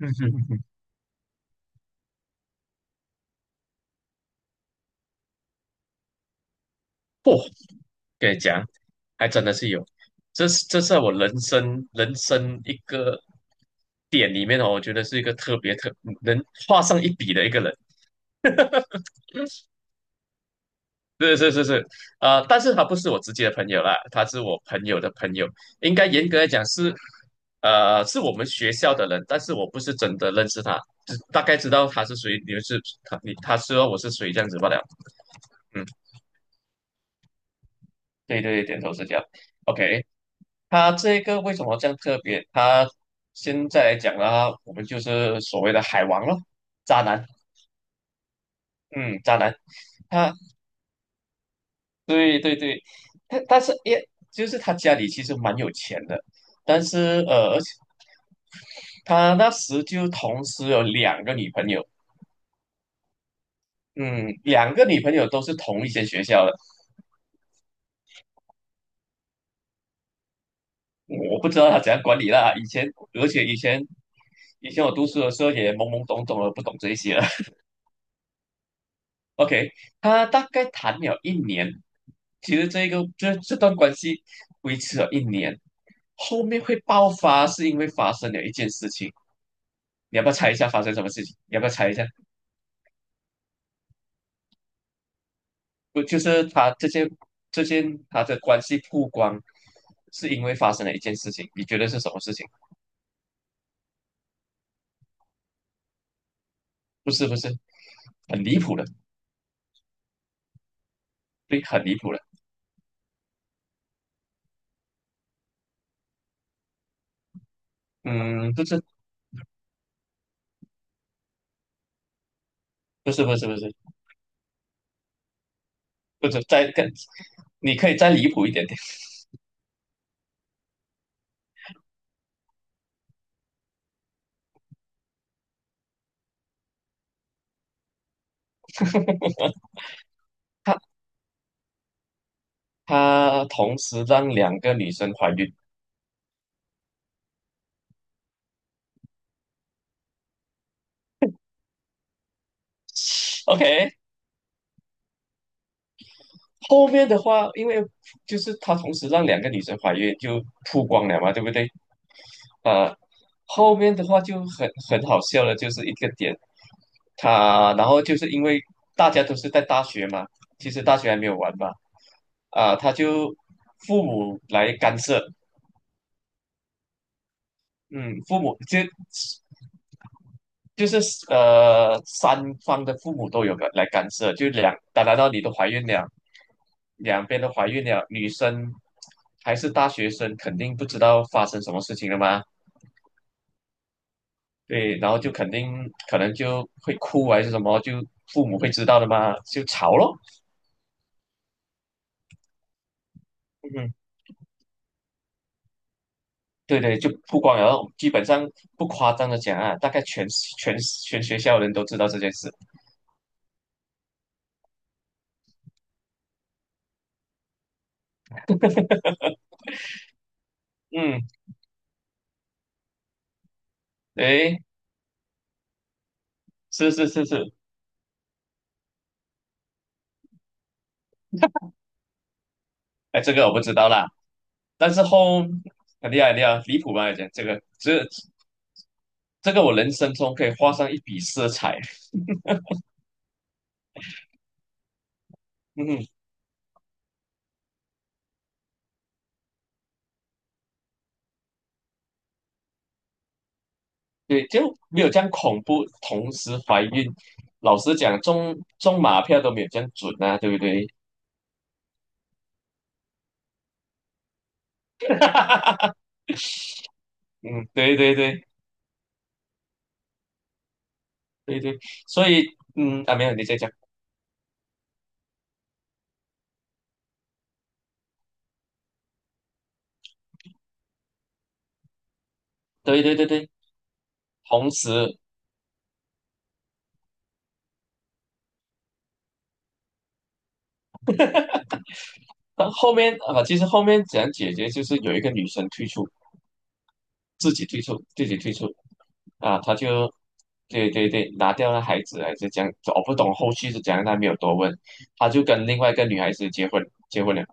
嗯哼嗯哼，不跟你讲，还真的是有，这是在我人生一个点里面哦，我觉得是一个特别能画上一笔的一个人。是是是是，但是他不是我直接的朋友啦，他是我朋友的朋友，应该严格来讲是，是我们学校的人，但是我不是真的认识他，只大概知道他是谁，你们是他你他知道我是谁这样子罢了。嗯。对对对点头是这样。OK，他这个为什么这样特别？他现在来讲呢，我们就是所谓的海王咯，渣男，嗯，渣男。他对对对，他但是也就是他家里其实蛮有钱的，但是而且他那时就同时有两个女朋友，嗯，两个女朋友都是同一间学校的，我不知道他怎样管理啦。而且以前我读书的时候也懵懵懂懂的，不懂这些。OK，他大概谈了一年，其实这段关系维持了一年，后面会爆发是因为发生了一件事情，你要不要猜一下发生什么事情？你要不要猜一下？不，就是他这件这件他的关系曝光，是因为发生了一件事情，你觉得是什么事情？不是不是，很离谱的，对，很离谱的，嗯，不是不是不是不是不是，再更，你可以再离谱一点点。他他同时让两个女生怀孕。OK，后面的话，因为就是他同时让两个女生怀孕，就曝光了嘛，对不对？啊、后面的话就很好笑了，就是一个点，他然后就是因为大家都是在大学嘛，其实大学还没有完嘛，啊、他就父母来干涉，嗯，父母就是三方的父母都有来干涉，就两，打然到你都怀孕了。两边都怀孕了，女生还是大学生，肯定不知道发生什么事情了嘛。对，然后就肯定可能就会哭还是什么，就父母会知道的嘛，就吵咯。嗯，对对，就不光有，基本上不夸张的讲啊，大概全学校人都知道这件事。嗯，诶，是是是是，哎，这个我不知道啦，但是很厉害很厉害，离谱吧？讲这个，这个我人生中可以画上一笔色彩。嗯，对，就没有这样恐怖。同时怀孕，老实讲，中马票都没有这样准啊，对不对？嗯，对对对对对，所以没有你在讲，对对对对，同时到后面啊，其实后面怎样解决，就是有一个女生退出，自己退出，自己退出啊，对对对，拿掉了孩子，还是讲样，我不懂后续是怎样，她没有多问，她就跟另外一个女孩子结婚，结婚了。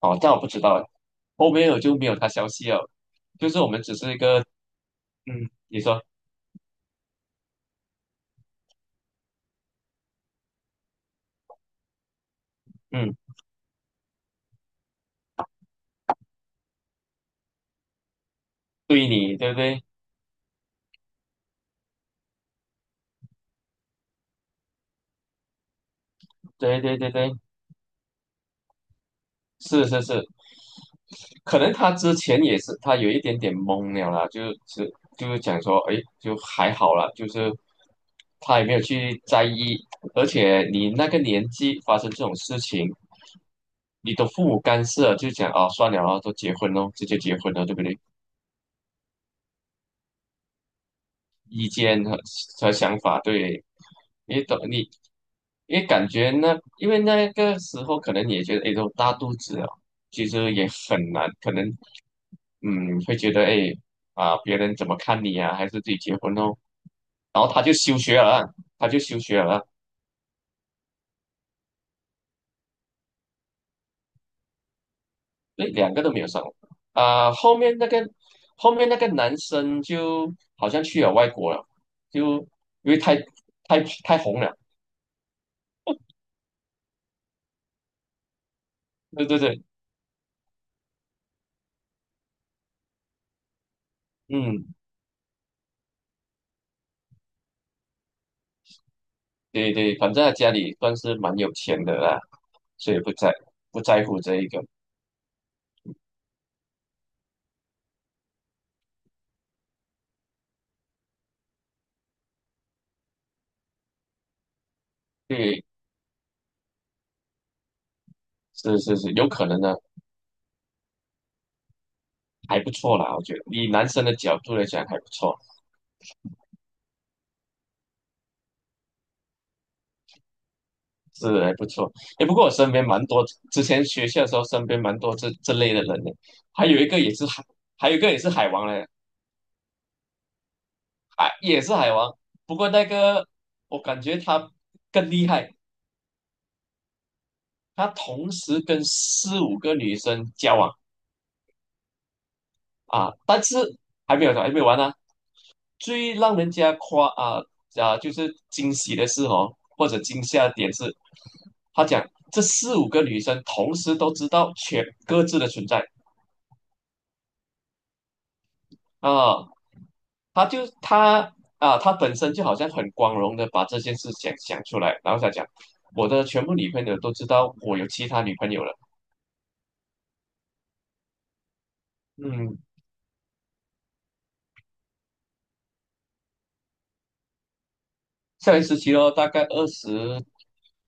哦，但我不知道，后面我就没有他消息了。就是我们只是一个，嗯，你说，嗯，对你，对不对？对对对对，是是是，可能他之前也是，他有一点点懵了啦，就是讲说，哎，就还好啦，就是他也没有去在意，而且你那个年纪发生这种事情，你的父母干涉，就讲啊，算了啊，都结婚咯，直接结婚了，对不对？意见和想法，对，你懂，因为那个时候可能也觉得，哎，都大肚子了，其实也很难，可能会觉得，哎啊，别人怎么看你啊，还是自己结婚哦，然后他就休学了，他就休学了，对，两个都没有上，啊、后面那个男生就好像去了外国了，就因为太红了，对对对，嗯。对对，反正他家里算是蛮有钱的啦，所以不在乎这一个。对，是是是，有可能呢，还不错啦，我觉得以男生的角度来讲还不错，是还不错。哎，不过我身边蛮多，之前学校的时候身边蛮多这类的人呢，还有一个也是海，还有一个也是海王嘞，也是海王，不过那个我感觉他更厉害，他同时跟四五个女生交往啊，但是还没有完呢、最让人家夸啊啊，就是惊喜的是哦，或者惊吓的点是，他讲这四五个女生同时都知道全各自的存在啊，他就他他本身就好像很光荣的把这件事想出来，然后再讲我的全部女朋友都知道我有其他女朋友了，嗯，校园时期咯，大概二十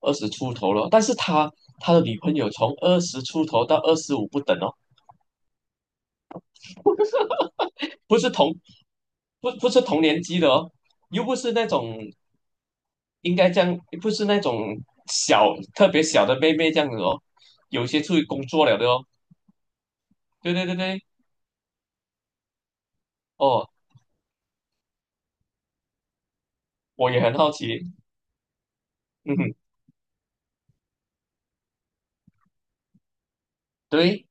二十出头了，但是他的女朋友从二十出头到二十五不等哦。不是同不是同年级的哦，又不是那种应该这样，不是那种特别小的妹妹这样子哦，有些出去工作了的哦。对对对对，哦，我也很好奇，嗯哼，对，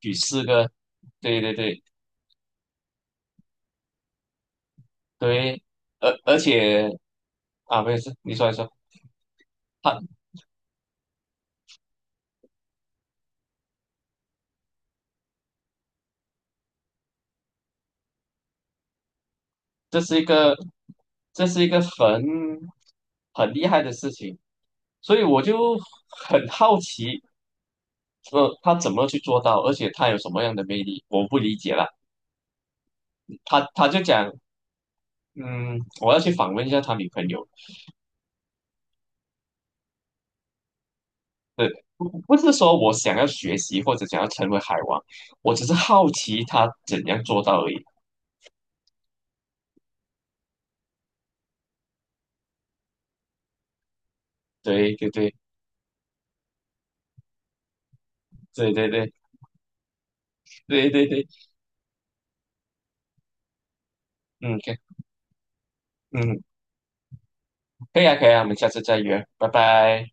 举四个，对对对对，而且啊，没有事，你说一说，他这是一个这是一个很厉害的事情，所以我就很好奇，说他怎么去做到，而且他有什么样的魅力，我不理解了。他就讲，嗯，我要去访问一下他女朋友。对，不是说我想要学习或者想要成为海王，我只是好奇他怎样做到而已。对对对对对对对对对，嗯，可以嗯，可以啊可以啊，我们下次再约，拜拜。